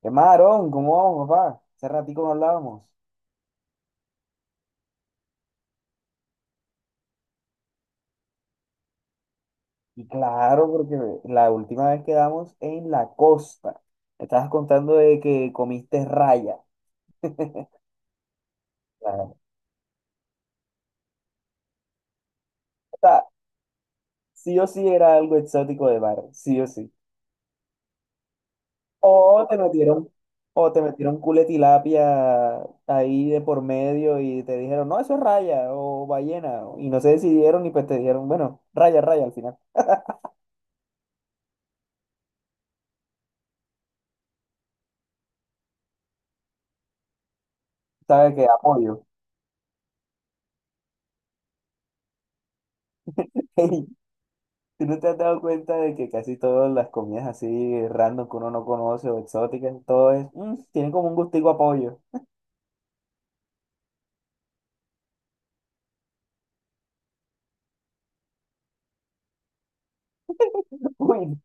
¿Qué más, Aarón? ¿Cómo vamos, papá? Hace ratico no hablábamos. Y claro, porque la última vez quedamos en la costa. Me estabas contando de que comiste raya. Claro. O sea, sí o sí era algo exótico de bar, sí o sí. O te metieron, o te metieron culetilapia ahí de por medio y te dijeron, no, eso es raya o ballena. Y no se decidieron y pues te dijeron, bueno, raya, raya al final. ¿Sabes qué? Apoyo. ¿Tú no te has dado cuenta de que casi todas las comidas así random que uno no conoce o exóticas, todo es, "Mm, tienen como un gustico a pollo? Uy,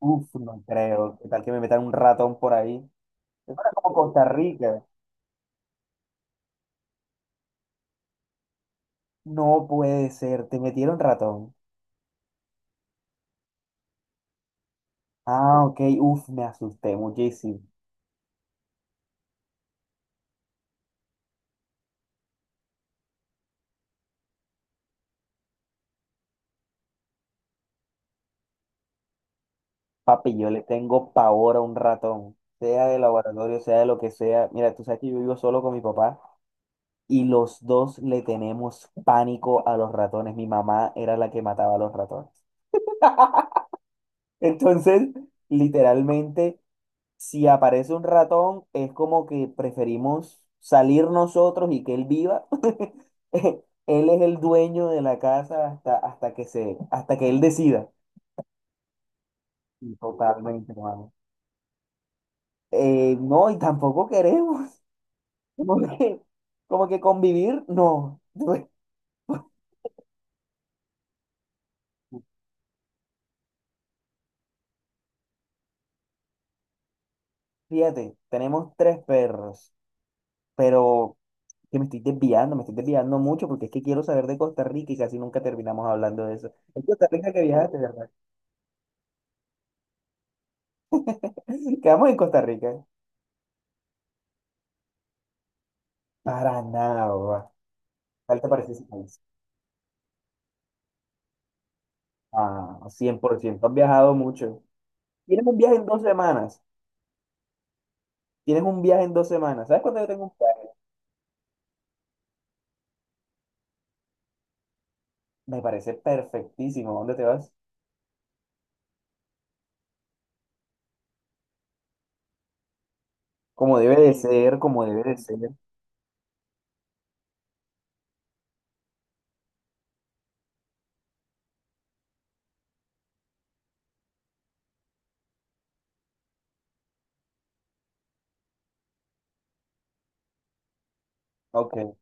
uf, no creo. ¿Qué tal que me metan un ratón por ahí? Es como Costa Rica. No puede ser, te metieron ratón. Ah, ok, uf, me asusté muchísimo. Papi, yo le tengo pavor a un ratón, sea de laboratorio, sea de lo que sea. Mira, tú sabes que yo vivo solo con mi papá. Y los dos le tenemos pánico a los ratones. Mi mamá era la que mataba a los ratones. Entonces, literalmente, si aparece un ratón, es como que preferimos salir nosotros y que él viva. Él es el dueño de la casa hasta, hasta que él decida. Sí, totalmente, hermano. No, y tampoco queremos. Como que, como que convivir, no. Fíjate, tenemos tres perros, pero que me estoy desviando, mucho porque es que quiero saber de Costa Rica y casi nunca terminamos hablando de eso. ¿En Costa Rica que viajaste, verdad? Quedamos en Costa Rica. Para nada. ¿Qué te parece ese país? Ah, 100%. Has viajado mucho. Tienes un viaje en 2 semanas. Tienes un viaje en dos semanas. ¿Sabes cuándo yo tengo un viaje? Me parece perfectísimo. ¿Dónde te vas? Como debe de ser, como debe de ser. Ok,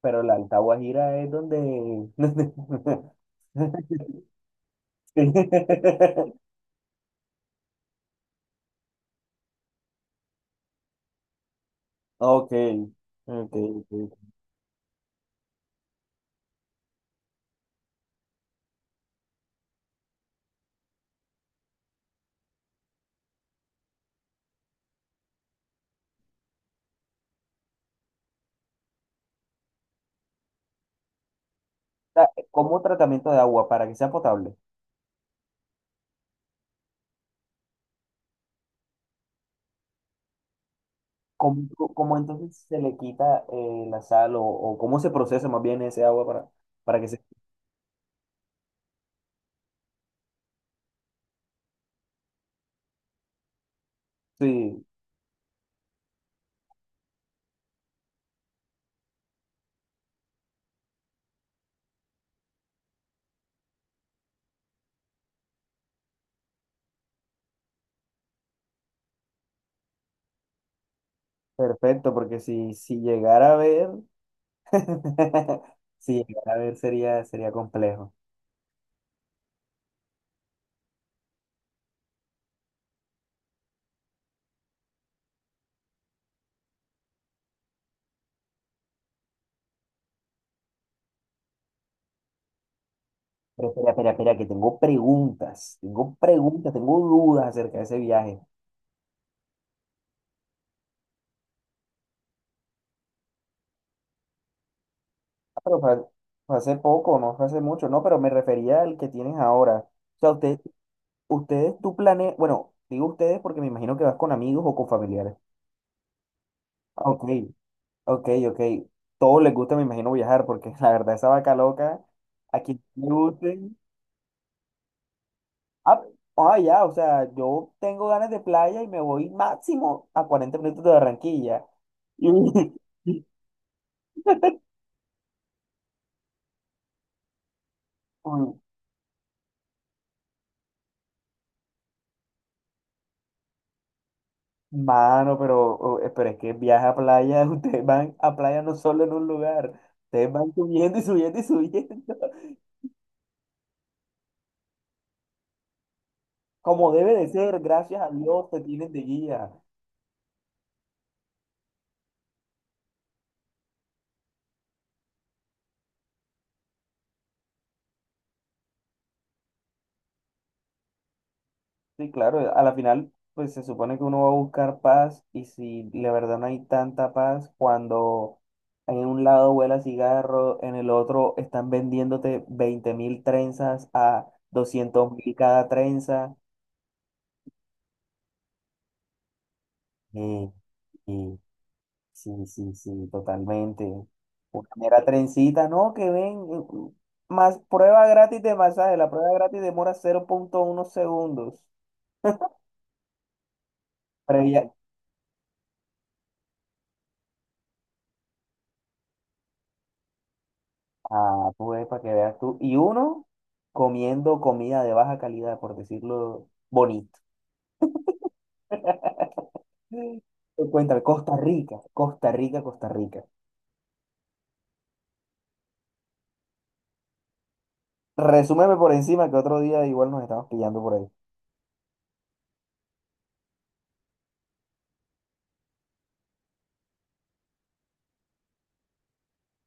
pero la Alta Guajira es donde... Sí. Ok, ok, ok. Sea, como tratamiento de agua para que sea potable, ¿cómo, cómo entonces se le quita la sal o, cómo se procesa más bien ese agua para que se... Sí, perfecto, porque si, llegara a ver, si llegara a ver sería, sería complejo. Pero espera, espera, espera, que tengo preguntas, tengo preguntas, tengo dudas acerca de ese viaje. Ah, pero fue, fue hace poco, no fue hace mucho, no, pero me refería al que tienes ahora. O sea, usted, ustedes, tú planeas, bueno, digo ustedes porque me imagino que vas con amigos o con familiares. Ah, ok, ok, ok. Todos les gusta, me imagino, viajar porque la verdad esa vaca loca, a quien le guste. Ah, ah, ya, o sea, yo tengo ganas de playa y me voy máximo a 40 minutos de Barranquilla. Y- Uy, mano, pero, oh, pero es que viaja a playa, ustedes van a playa no solo en un lugar, ustedes van subiendo y subiendo y subiendo. Como debe de ser, gracias a Dios te tienen de guía. Sí, claro, a la final, pues se supone que uno va a buscar paz y si la verdad no hay tanta paz, cuando en un lado huela cigarro, en el otro están vendiéndote 20.000 trenzas a 200.000 cada trenza. eh, y sí, sí, sí, totalmente. Una mera trencita, no, que ven, más prueba gratis de masaje, la prueba gratis demora 0,1 segundos. Previa, ah, pues para que veas tú. Y uno comiendo comida de baja calidad, por decirlo bonito. Mm. Pues cuéntame, Costa Rica, Costa Rica, Costa Rica. Resúmeme por encima que otro día igual nos estamos pillando por ahí.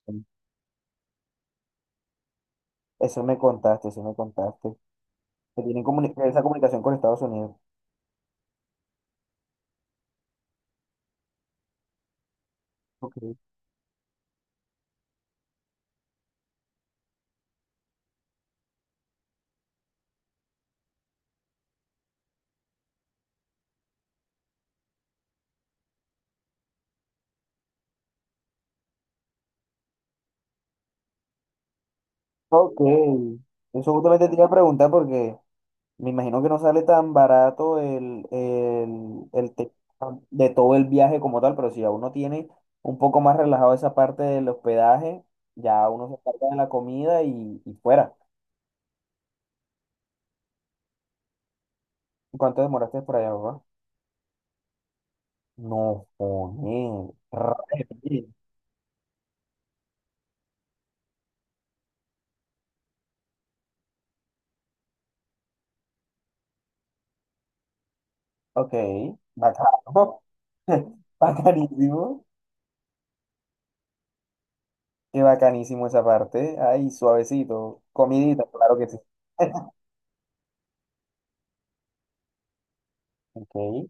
Mm. Eso me contaste, eso me contaste. Que tienen comuni- esa comunicación con Estados Unidos. Ok. Ok. Eso justamente te iba a preguntar porque me imagino que no sale tan barato el de todo el viaje como tal, pero si ya uno tiene un poco más relajado esa parte del hospedaje, ya uno se carga de la comida y fuera. ¿Cuánto demoraste por allá, papá? No, joder, re bien. Ok, bacano. Bacanísimo. Qué bacanísimo esa parte. Ay, suavecito. Comidita, claro que sí. Ok.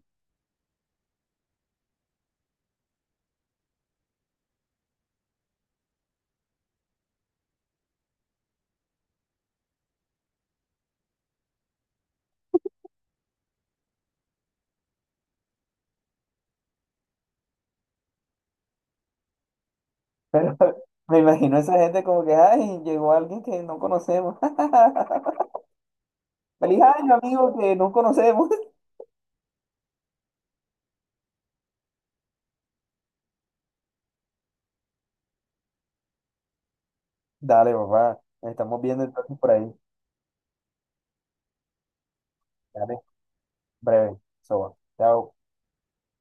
Pero me imagino esa gente como que, ay, llegó alguien que no conocemos. Feliz año, amigo, que no conocemos. Dale, papá. Nos estamos viendo entonces por ahí. Dale, breve. Soba. Chao.